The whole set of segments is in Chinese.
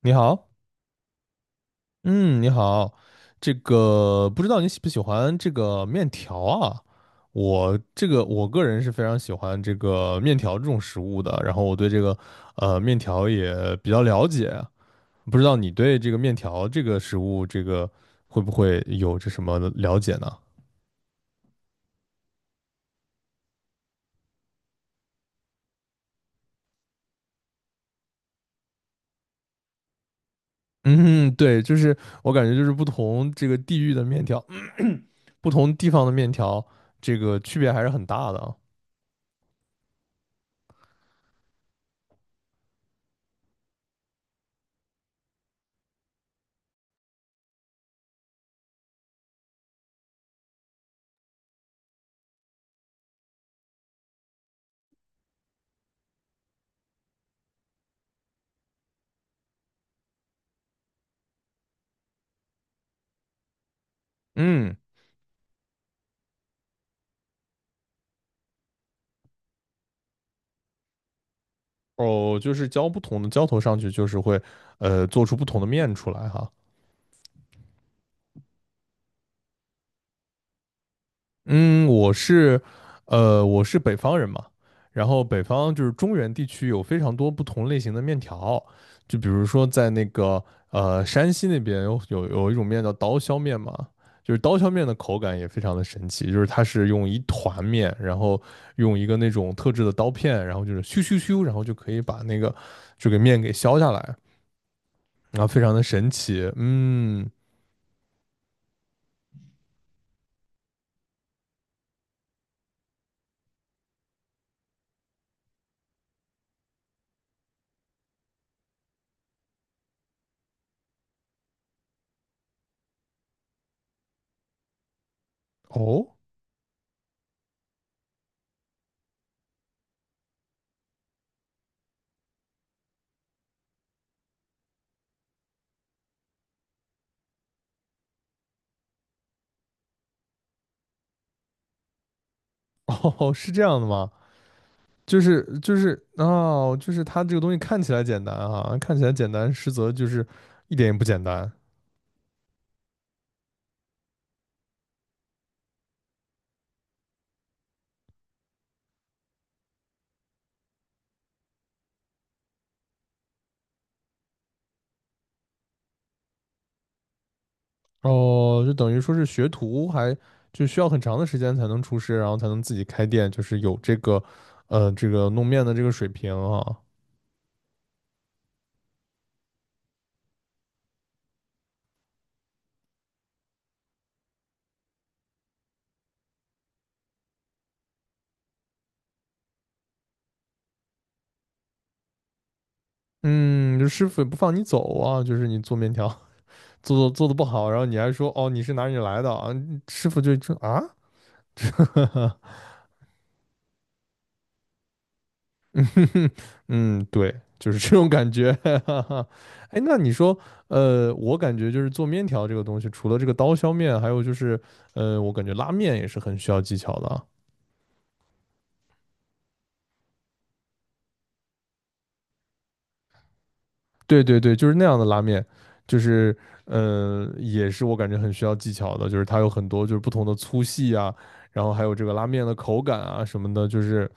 你好，嗯，你好，这个不知道你喜不喜欢这个面条啊？我个人是非常喜欢这个面条这种食物的，然后我对这个面条也比较了解，不知道你对这个面条这个食物这个会不会有这什么的了解呢？嗯，对，就是我感觉就是不同这个地域的面条，不同地方的面条，这个区别还是很大的啊。嗯。哦，就是浇不同的浇头上去，就是会做出不同的面出来哈。嗯，我是北方人嘛，然后北方就是中原地区有非常多不同类型的面条，就比如说在那个山西那边有一种面叫刀削面嘛。就是刀削面的口感也非常的神奇，就是它是用一团面，然后用一个那种特制的刀片，然后就是咻咻咻，然后就可以把那个这个面给削下来，然后非常的神奇。嗯，哦哦，是这样的吗？就是哦，就是它这个东西看起来简单啊，看起来简单，实则就是一点也不简单。哦，就等于说是学徒还就需要很长的时间才能出师，然后才能自己开店，就是有这个弄面的这个水平啊。嗯，就师傅也不放你走啊，就是你做面条做的不好，然后你还说哦你是哪里来的啊，嗯师傅就啊，嗯，对，就是这种感觉。哎，那你说，我感觉就是做面条这个东西，除了这个刀削面，还有就是，我感觉拉面也是很需要技巧的啊。对对对，就是那样的拉面，就是也是我感觉很需要技巧的，就是它有很多就是不同的粗细啊，然后还有这个拉面的口感啊什么的，就是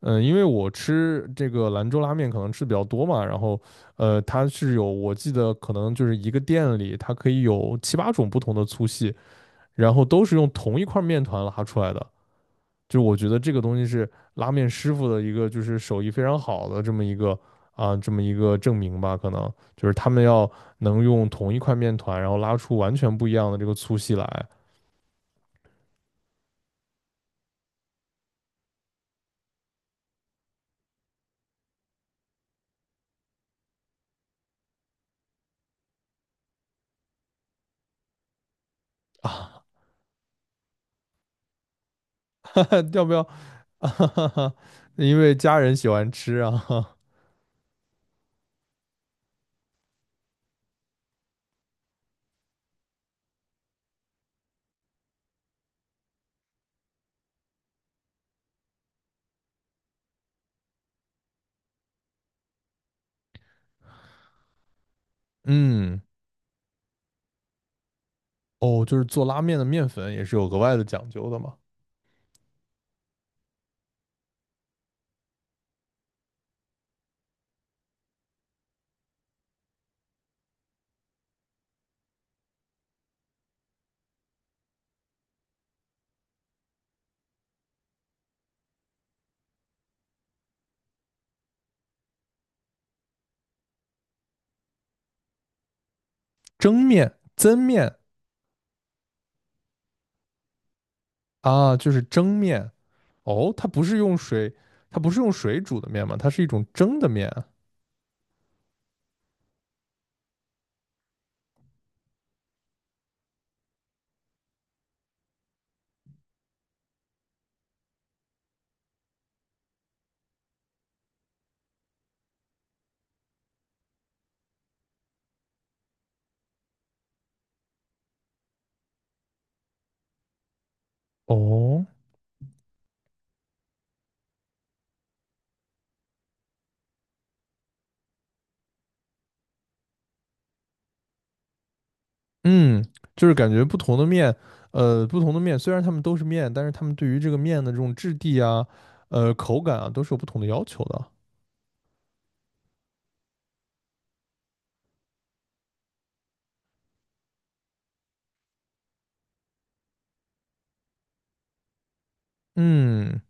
因为我吃这个兰州拉面可能吃比较多嘛，然后它是有我记得可能就是一个店里它可以有七八种不同的粗细，然后都是用同一块面团拉出来的，就是我觉得这个东西是拉面师傅的一个就是手艺非常好的这么一个证明吧，可能就是他们要能用同一块面团，然后拉出完全不一样的这个粗细来。啊，要不要？因为家人喜欢吃啊，嗯，哦，就是做拉面的面粉也是有额外的讲究的嘛，蒸面、蒸面。啊，就是蒸面。哦，它不是用水，它不是用水煮的面嘛，它是一种蒸的面啊。哦。嗯，就是感觉不同的面，呃，不同的面，虽然它们都是面，但是它们对于这个面的这种质地啊，口感啊，都是有不同的要求的。嗯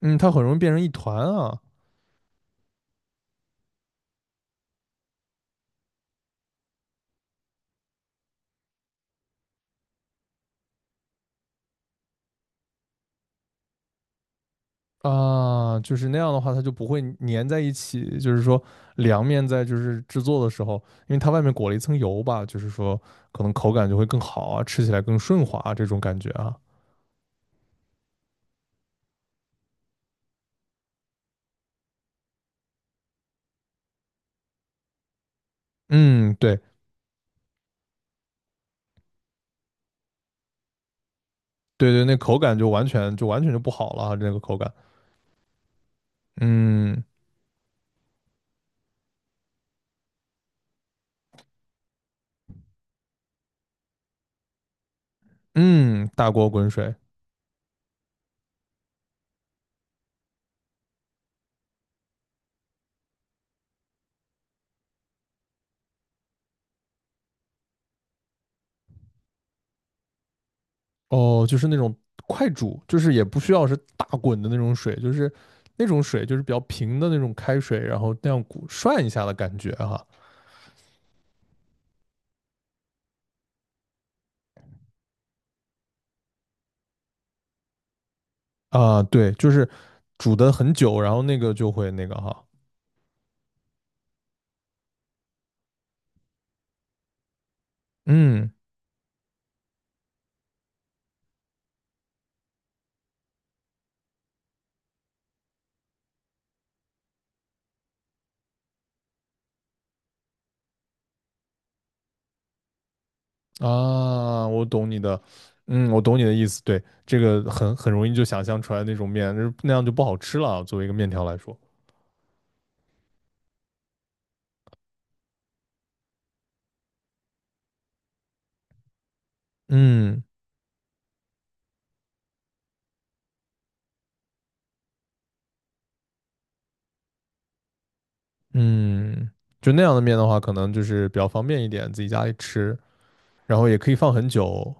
嗯，它很容易变成一团啊。啊，就是那样的话，它就不会粘在一起。就是说，凉面在就是制作的时候，因为它外面裹了一层油吧，就是说可能口感就会更好啊，吃起来更顺滑啊，这种感觉啊。嗯，对对对，那口感就完全就不好了啊，这个口感。嗯。嗯，大锅滚水。哦，就是那种快煮，就是也不需要是大滚的那种水，就是那种水就是比较平的那种开水，然后那样鼓涮一下的感觉哈。啊，对，就是煮的很久，然后那个就会那个哈。嗯啊，我懂你的意思。对，这个很容易就想象出来那种面，就是那样就不好吃了啊，作为一个面条来说。嗯嗯，就那样的面的话，可能就是比较方便一点，自己家里吃。然后也可以放很久。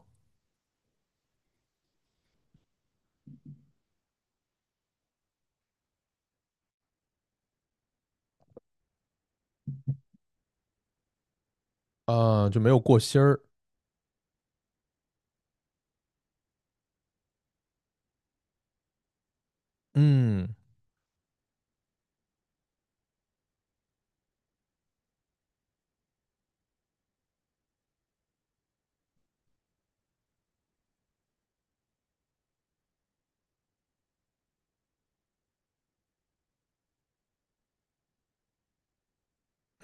啊，就没有过芯儿。嗯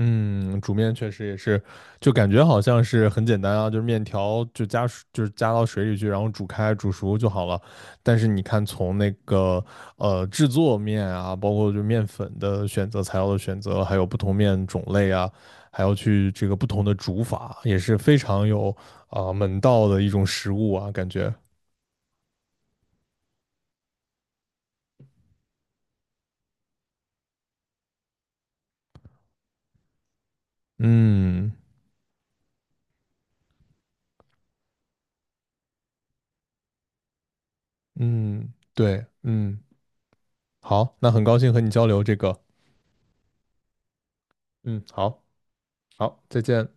嗯，煮面确实也是，就感觉好像是很简单啊，就是面条就加水，就是加到水里去，然后煮开煮熟就好了。但是你看，从那个制作面啊，包括就面粉的选择、材料的选择，还有不同面种类啊，还要去这个不同的煮法，也是非常有门道的一种食物啊，感觉。嗯嗯，对，嗯。好，那很高兴和你交流这个。嗯，好，好，再见。